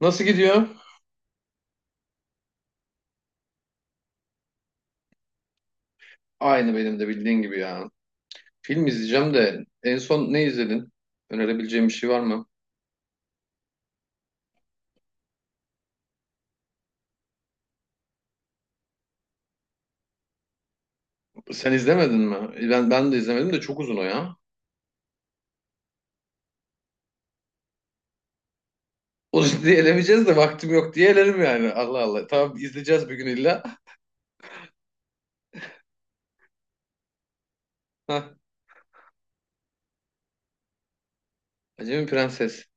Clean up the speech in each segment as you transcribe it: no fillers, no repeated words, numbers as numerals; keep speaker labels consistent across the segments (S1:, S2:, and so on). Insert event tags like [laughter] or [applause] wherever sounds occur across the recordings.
S1: Nasıl gidiyor? Aynı benim de bildiğin gibi ya. Film izleyeceğim de en son ne izledin? Önerebileceğim bir şey var mı? Sen izlemedin mi? Ben de izlemedim de çok uzun o ya. O [laughs] diye elemeyeceğiz de vaktim yok diye elerim yani. Allah Allah. Tamam izleyeceğiz bir gün illa. Hah. Acemi Prenses.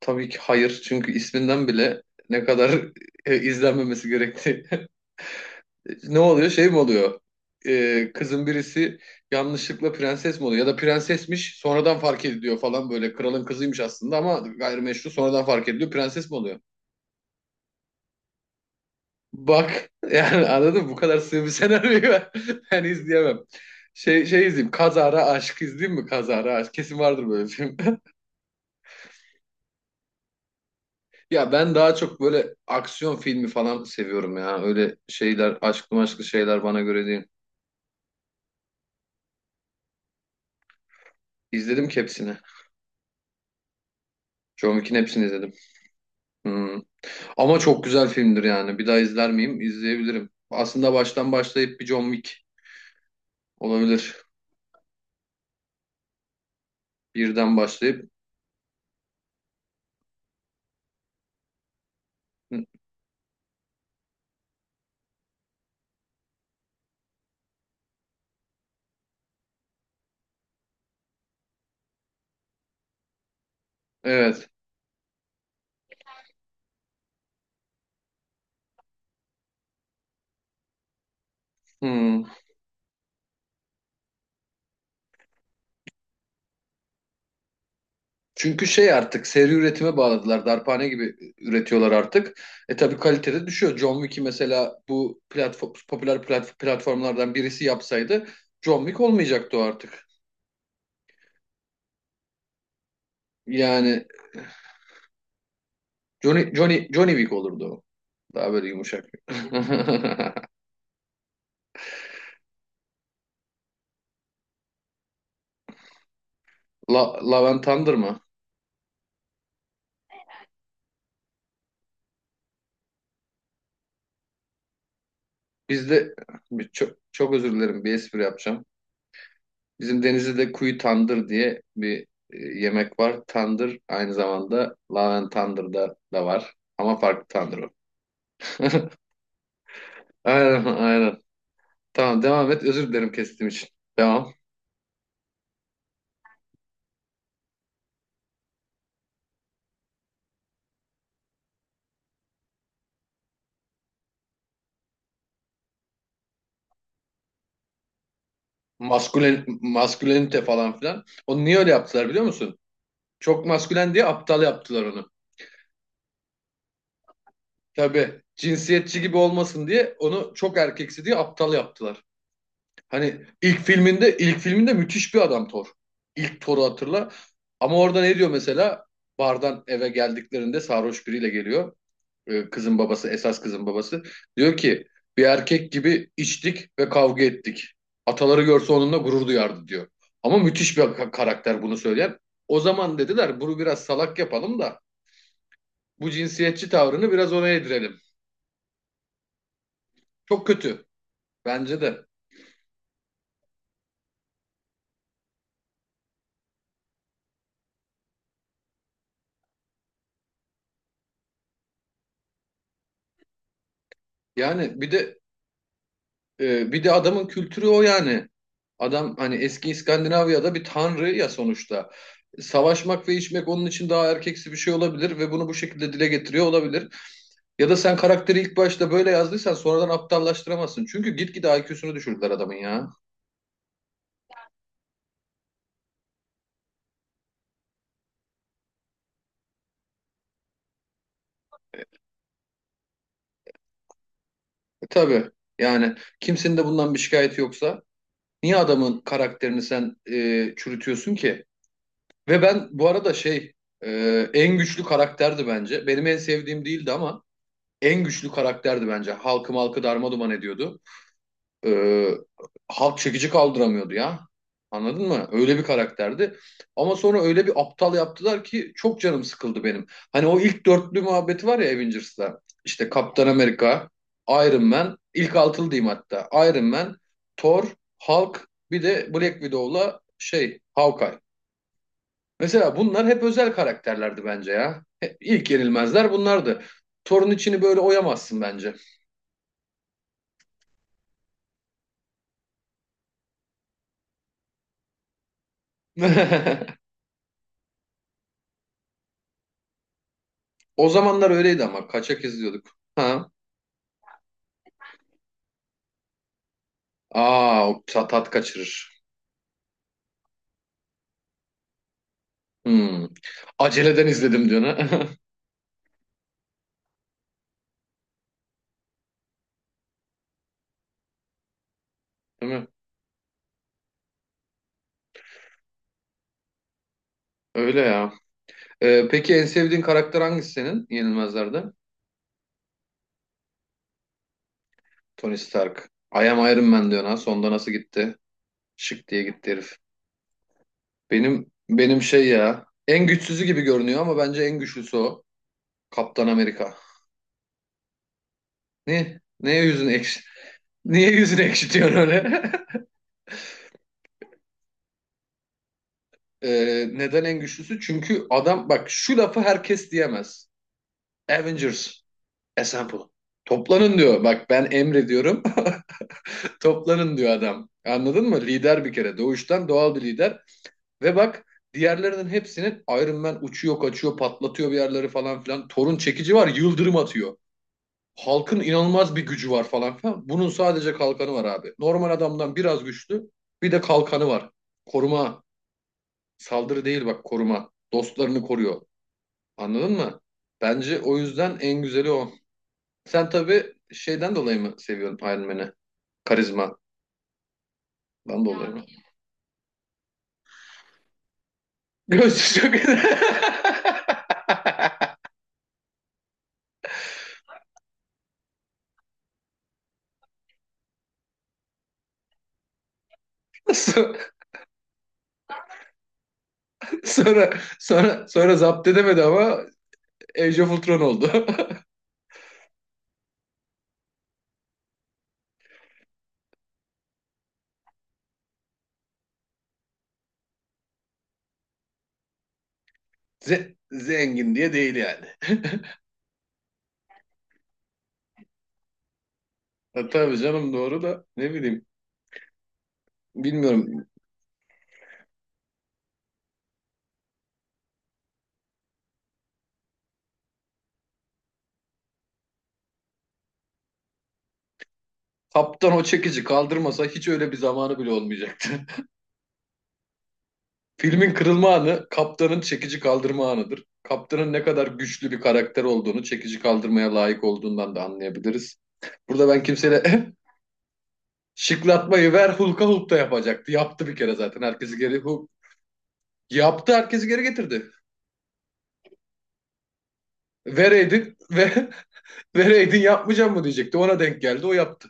S1: Tabii ki hayır. Çünkü isminden bile ne kadar [laughs] izlenmemesi gerektiği ne oluyor? Şey mi oluyor? Kızın birisi yanlışlıkla prenses mi oluyor? Ya da prensesmiş sonradan fark ediliyor falan böyle. Kralın kızıymış aslında ama gayrimeşru sonradan fark ediliyor. Prenses mi oluyor? Bak [laughs] yani anladın mı? Bu kadar sığ bir senaryoyu ben, [laughs] ben izleyemem. Şey izleyeyim. Kazara Aşk izleyeyim mi? Kazara Aşk. Kesin vardır böyle bir film. [laughs] Ya ben daha çok böyle aksiyon filmi falan seviyorum ya. Öyle şeyler, aşklı maşklı şeyler bana göre değil. İzledim ki hepsini. John Wick'in hepsini izledim. Hmm. Ama çok güzel filmdir yani. Bir daha izler miyim? İzleyebilirim. Aslında baştan başlayıp bir John Wick olabilir. Birden başlayıp. Evet. Hmm. Çünkü şey artık seri üretime bağladılar. Darphane gibi üretiyorlar artık. E, tabii kalitede düşüyor. John Wick'i mesela bu platform, popüler platformlardan birisi yapsaydı John Wick olmayacaktı o artık. Yani Johnny Wick olurdu o. Daha böyle yumuşak. [laughs] Love and Thunder mı? Bizde çok, çok özür dilerim bir espri yapacağım. Bizim Denizli'de kuyu tandır diye bir yemek var. Tandır aynı zamanda Laven Tandır'da da var. Ama farklı tandır o. Aynen aynen. Tamam devam et. Özür dilerim kestiğim için. Devam. Maskülen, maskülenite falan filan. Onu niye öyle yaptılar biliyor musun? Çok maskülen diye aptal yaptılar onu. Tabii cinsiyetçi gibi olmasın diye onu çok erkeksi diye aptal yaptılar. Hani ilk filminde müthiş bir adam Thor. İlk Thor'u hatırla. Ama orada ne diyor mesela? Bardan eve geldiklerinde sarhoş biriyle geliyor. Kızın babası, esas kızın babası. Diyor ki bir erkek gibi içtik ve kavga ettik. Ataları görse onunla gurur duyardı diyor. Ama müthiş bir karakter bunu söyleyen. O zaman dediler bunu biraz salak yapalım da bu cinsiyetçi tavrını biraz ona yedirelim. Çok kötü bence de. Yani bir de adamın kültürü o yani. Adam hani eski İskandinavya'da bir tanrı ya sonuçta. Savaşmak ve içmek onun için daha erkeksi bir şey olabilir ve bunu bu şekilde dile getiriyor olabilir. Ya da sen karakteri ilk başta böyle yazdıysan sonradan aptallaştıramazsın. Çünkü gitgide IQ'sunu düşürdüler adamın ya. E, tabii yani kimsenin de bundan bir şikayeti yoksa niye adamın karakterini sen çürütüyorsun ki? Ve ben bu arada şey e, en güçlü karakterdi bence. Benim en sevdiğim değildi ama en güçlü karakterdi bence. Halkı malkı darma duman ediyordu. Ee, halk çekici kaldıramıyordu ya. Anladın mı? Öyle bir karakterdi. Ama sonra öyle bir aptal yaptılar ki çok canım sıkıldı benim. Hani o ilk dörtlü muhabbeti var ya Avengers'ta. İşte Kaptan Amerika, Iron Man, ilk altılı diyeyim hatta. Iron Man, Thor, Hulk, bir de Black Widow'la şey Hawkeye. Mesela bunlar hep özel karakterlerdi bence ya. İlk yenilmezler bunlardı. Thor'un içini böyle oyamazsın bence. [laughs] O zamanlar öyleydi ama kaçak izliyorduk. Ha. Aa, o tat kaçırır. Hmm. Aceleden izledim diyor ne? [laughs] Değil mi? Öyle ya. Peki en sevdiğin karakter hangisi senin Yenilmezler'de? Tony Stark. I am Iron Man diyor ha. Sonda nasıl gitti? Şık diye gitti herif. Benim şey ya. En güçsüzü gibi görünüyor ama bence en güçlüsü o. Kaptan Amerika. Ne? Neye yüzünü ekşi? Niye yüzünü ekşitiyorsun öyle? [laughs] Neden en güçlüsü? Çünkü adam bak şu lafı herkes diyemez. Avengers Assemble. Toplanın diyor. Bak ben emrediyorum. [laughs] Toplanın diyor adam. Anladın mı? Lider bir kere. Doğuştan doğal bir lider. Ve bak diğerlerinin hepsinin Iron Man uçuyor, kaçıyor, patlatıyor bir yerleri falan filan. Thor'un çekici var, yıldırım atıyor. Halkın inanılmaz bir gücü var falan filan. Bunun sadece kalkanı var abi. Normal adamdan biraz güçlü. Bir de kalkanı var. Koruma. Saldırı değil bak koruma. Dostlarını koruyor. Anladın mı? Bence o yüzden en güzeli o. Sen tabii şeyden dolayı mı seviyorsun Iron Man'i? Karizmadan dolayı mı? Yani göğsü çok... [laughs] So- Sonra, sonra zapt edemedi ama Age of Ultron oldu. [laughs] Zengin diye değil yani. [laughs] Ha, tabii canım doğru da ne bileyim. Bilmiyorum. Kaptan o çekici kaldırmasa hiç öyle bir zamanı bile olmayacak. Filmin kırılma anı kaptanın çekici kaldırma anıdır. Kaptanın ne kadar güçlü bir karakter olduğunu, çekici kaldırmaya layık olduğundan da anlayabiliriz. Burada ben kimseyle [laughs] şıklatmayı ver Hulk'a Hulk da yapacaktı. Yaptı bir kere zaten herkesi geri Hulk yaptı herkesi geri getirdi. Vereydin ve [laughs] vereydin yapmayacağım mı diyecekti. Ona denk geldi o yaptı.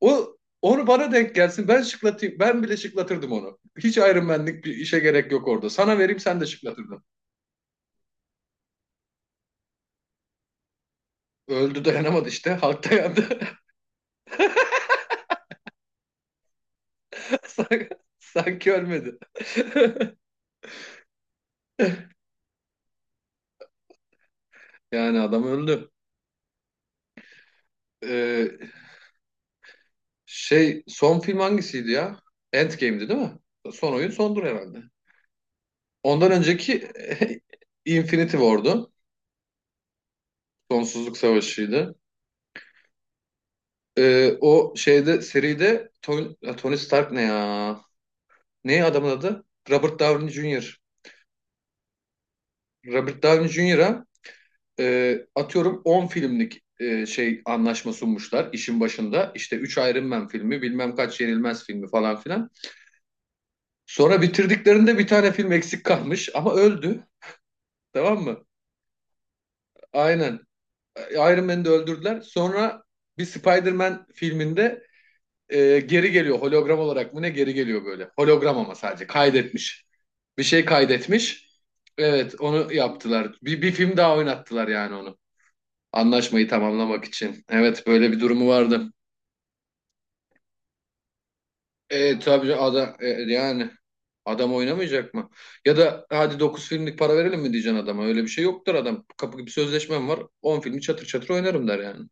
S1: O onu bana denk gelsin ben şıklatayım. Ben bile şıklatırdım onu. Hiç Iron Man'lik bir işe gerek yok orada. Sana vereyim sen de şıklatırdın. Öldü dayanamadı işte. Hulk dayandı. [laughs] [laughs] Sanki sanki ölmedi. [laughs] Yani adam öldü. Ee, son film hangisiydi ya? Endgame'di değil mi? Son oyun sondur herhalde. Ondan önceki [laughs] Infinity War'du. Sonsuzluk Savaşı'ydı. O şeyde seride Tony Stark ne ya? Ne adamın adı? Robert Downey Jr. Robert Downey Jr.'a atıyorum 10 filmlik şey anlaşma sunmuşlar işin başında. İşte 3 Iron Man filmi, bilmem kaç Yenilmez filmi falan filan. Sonra bitirdiklerinde bir tane film eksik kalmış ama öldü. Tamam mı? Aynen. Iron Man'i de öldürdüler. Sonra bir Spider-Man filminde geri geliyor. Hologram olarak mı ne geri geliyor böyle. Hologram ama sadece kaydetmiş. Bir şey kaydetmiş. Evet onu yaptılar. Bir film daha oynattılar yani onu. Anlaşmayı tamamlamak için. Evet böyle bir durumu vardı. E, tabii adam yani adam oynamayacak mı? Ya da hadi 9 filmlik para verelim mi diyeceksin adama? Öyle bir şey yoktur adam. Kapı gibi sözleşmem var. On filmi çatır çatır oynarım der yani.